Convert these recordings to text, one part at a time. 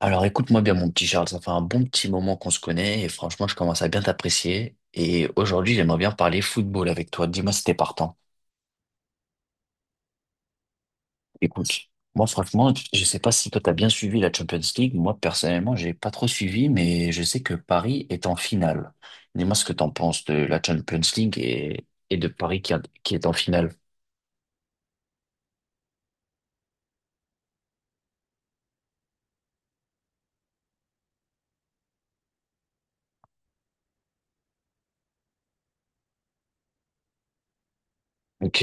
Alors écoute-moi bien mon petit Charles, ça fait un bon petit moment qu'on se connaît et franchement je commence à bien t'apprécier et aujourd'hui j'aimerais bien parler football avec toi, dis-moi si t'es partant. Écoute, moi franchement je sais pas si toi t'as bien suivi la Champions League, moi personnellement j'ai pas trop suivi mais je sais que Paris est en finale. Dis-moi ce que t'en penses de la Champions League et de Paris qui, qui est en finale. Ok,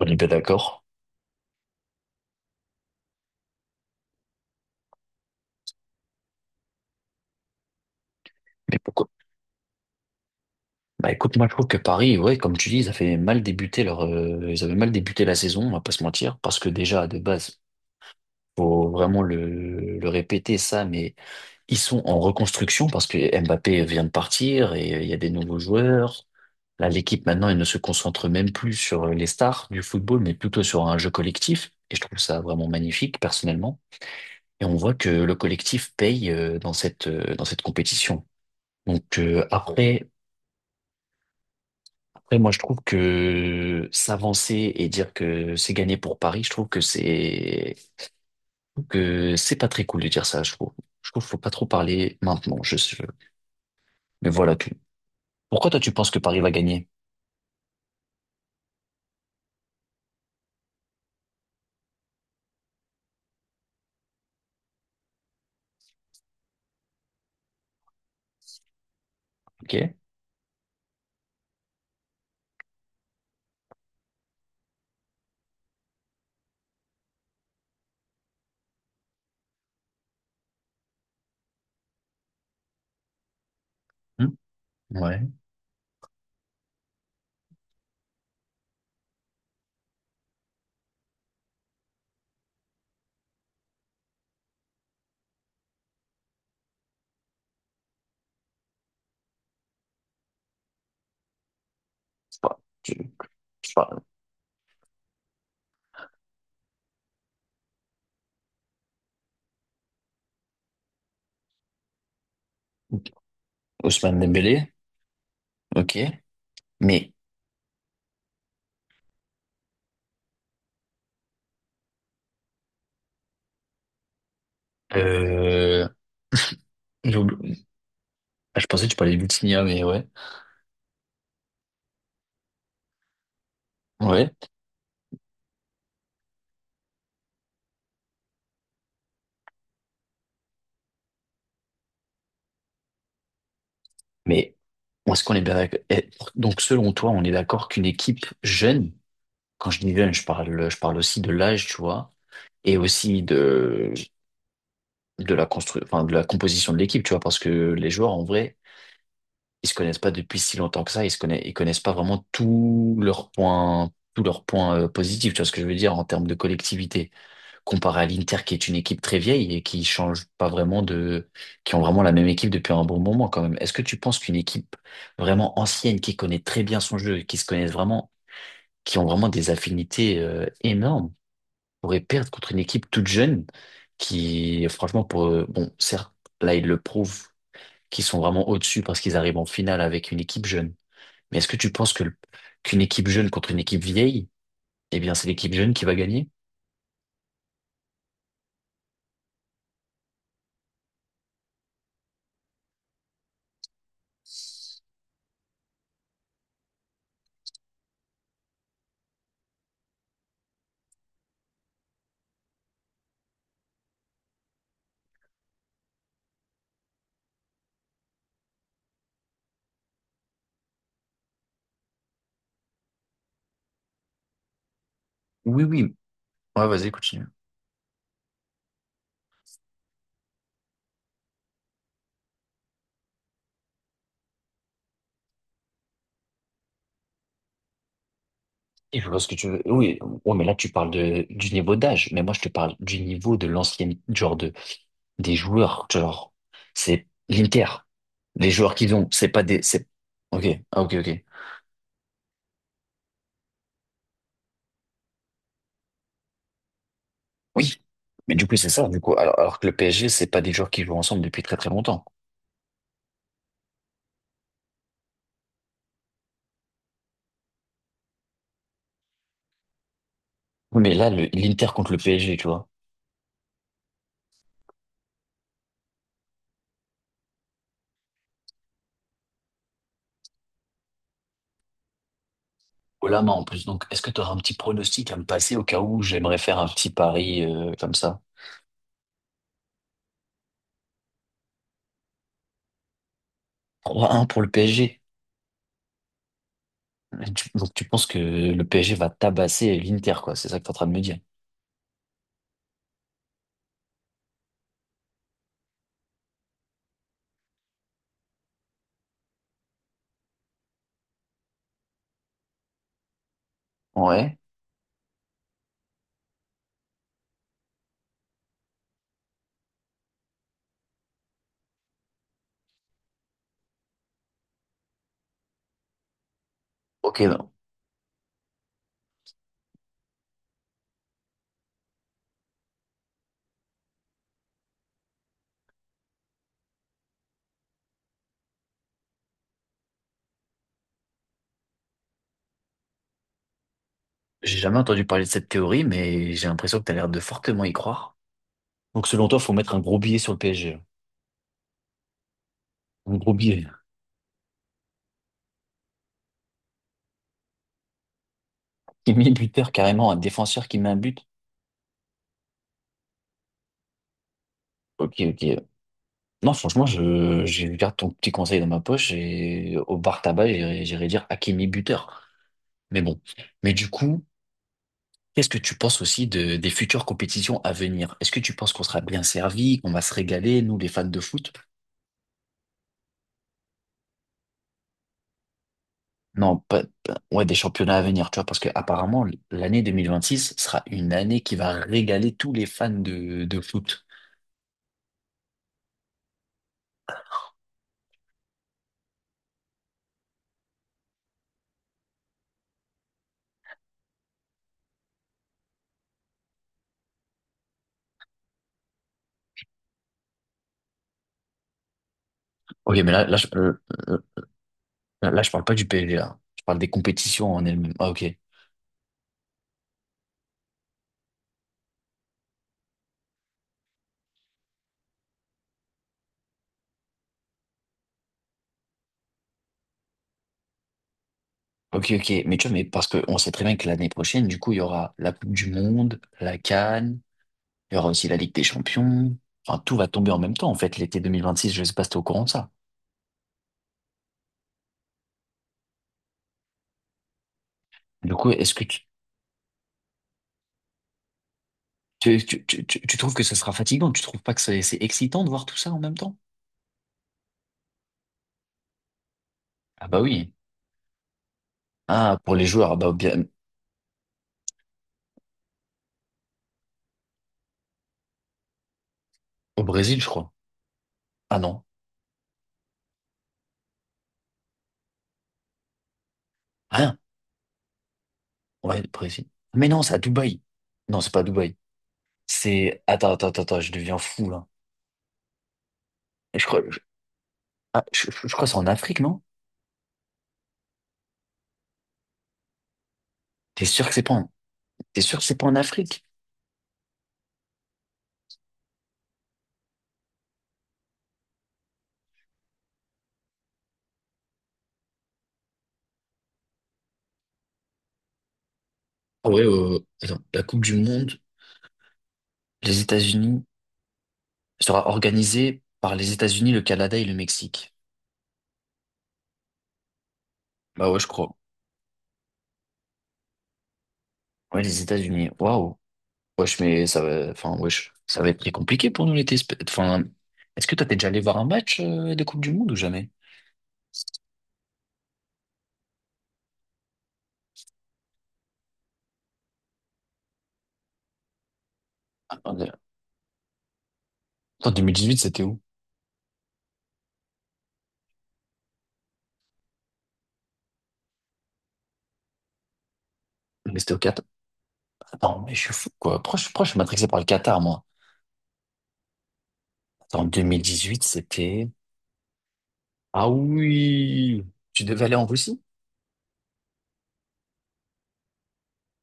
on est bien d'accord. Mais pourquoi, bah écoute, moi je trouve que Paris, ouais, comme tu dis, ils avaient mal débuté leur, ils avaient mal débuté la saison, on va pas se mentir, parce que déjà de base, faut vraiment le répéter ça, mais ils sont en reconstruction parce que Mbappé vient de partir et il y a des nouveaux joueurs. Là, l'équipe maintenant, elle ne se concentre même plus sur les stars du football, mais plutôt sur un jeu collectif. Et je trouve ça vraiment magnifique, personnellement. Et on voit que le collectif paye dans cette compétition. Donc après. Après, moi, je trouve que s'avancer et dire que c'est gagné pour Paris, je trouve que c'est pas très cool de dire ça. Je trouve qu'il faut pas trop parler maintenant. Mais voilà tout. Pourquoi toi tu penses que Paris va gagner? Ok. Hmm. Ouais. Je sais pas. Je sais pas. Ousmane Dembélé. Ok. Mais euh, j'ai oublié, ah, je pensais que tu parlais de Vitinha, mais ouais. Ouais. Mais est-ce qu'on est bien d'accord? Eh, donc selon toi, on est d'accord qu'une équipe jeune, quand je dis jeune, je parle aussi de l'âge, tu vois, et aussi de, enfin, de la composition de l'équipe, tu vois, parce que les joueurs, en vrai, ils se connaissent pas depuis si longtemps que ça, ils se connaissent, ils connaissent pas vraiment tous leurs points positifs, tu vois ce que je veux dire, en termes de collectivité, comparé à l'Inter, qui est une équipe très vieille et qui change pas vraiment de, qui ont vraiment la même équipe depuis un bon moment, quand même. Est-ce que tu penses qu'une équipe vraiment ancienne, qui connaît très bien son jeu, qui se connaissent vraiment, qui ont vraiment des affinités, énormes, pourrait perdre contre une équipe toute jeune qui, franchement, pour, bon, certes, là, ils le prouvent qu'ils sont vraiment au-dessus parce qu'ils arrivent en finale avec une équipe jeune. Mais est-ce que tu penses que qu'une équipe jeune contre une équipe vieille, eh bien, c'est l'équipe jeune qui va gagner? Oui, oui. Ouais, vas-y, continue. Et je vois ce que tu veux. Oui, ouais, mais là, tu parles de, du niveau d'âge. Mais moi, je te parle du niveau de l'ancienne, genre de, des joueurs, genre, c'est l'Inter. Les joueurs qu'ils ont, c'est pas des, c'est, ok, ah, ok, ok. Oui, mais du coup, c'est ça, du coup. Alors que le PSG, c'est pas des joueurs qui jouent ensemble depuis très très longtemps. Oui, mais là, l'Inter contre le PSG, tu vois. Au la main en plus. Donc, est-ce que tu auras un petit pronostic à me passer au cas où j'aimerais faire un petit pari comme ça? 3-1 pour le PSG. Donc, tu penses que le PSG va tabasser l'Inter, quoi. C'est ça que tu es en train de me dire. Ouais. Ok, non. J'ai jamais entendu parler de cette théorie, mais j'ai l'impression que tu as l'air de fortement y croire. Donc, selon toi, faut mettre un gros billet sur le PSG. Un gros billet. Qui met buteur carrément, un défenseur qui met un but. Ok, ok. Non, franchement, je garde ton petit conseil dans ma poche et au bar tabac, j'irai dire Hakimi buteur. Mais bon. Mais du coup, qu'est-ce que tu penses aussi de, des futures compétitions à venir? Est-ce que tu penses qu'on sera bien servi, qu'on va se régaler, nous, les fans de foot? Non, ouais, des championnats à venir, tu vois, parce que apparemment, l'année 2026 sera une année qui va régaler tous les fans de foot. Ok, mais euh, là, je parle pas du PSG, là. Je parle des compétitions en elles-mêmes. Ah, ok. Ok, ok, mais tu vois, mais parce qu'on sait très bien que l'année prochaine, du coup, il y aura la Coupe du Monde, la CAN, il y aura aussi la Ligue des Champions. Enfin, tout va tomber en même temps, en fait, l'été 2026, je sais pas si t'es au courant de ça. Du coup, est-ce que tu trouves que ce sera fatigant? Tu trouves pas que c'est excitant de voir tout ça en même temps? Ah bah oui. Ah, pour les joueurs, ah bah bien, au Brésil, je crois. Ah non, rien. Ouais, au Brésil. Mais non, c'est à Dubaï. Non, c'est pas à Dubaï. C'est... Attends, attends, attends, attends, je deviens fou, là. Je crois, je, ah, je crois que c'est en Afrique, non? T'es sûr que c'est pas en... T'es sûr que c'est pas en Afrique? Ah ouais, attends, la Coupe du Monde, les États-Unis, sera organisée par les États-Unis, le Canada et le Mexique. Bah ouais, je crois. Ouais, les États-Unis. Waouh. Wesh, mais ça va, enfin, wesh, ça va être très compliqué pour nous l'été. Enfin, est-ce que toi, t'es déjà allé voir un match de Coupe du Monde ou jamais? Attendez. Attends, 2018, c'était où? Mais c'était au Qatar. Attends, mais je suis fou, quoi. Pourquoi je suis matrixé par le Qatar, moi? Attends, 2018, c'était... Ah oui! Tu devais aller en Russie?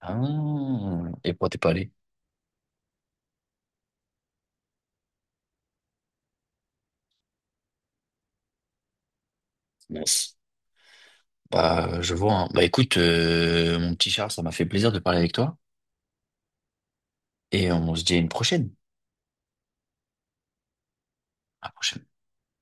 Ah. Et pourquoi t'es pas allé? Mince. Bah, je vois, hein. Bah, écoute, mon petit Charles, ça m'a fait plaisir de parler avec toi. Et on se dit à une prochaine. À la prochaine.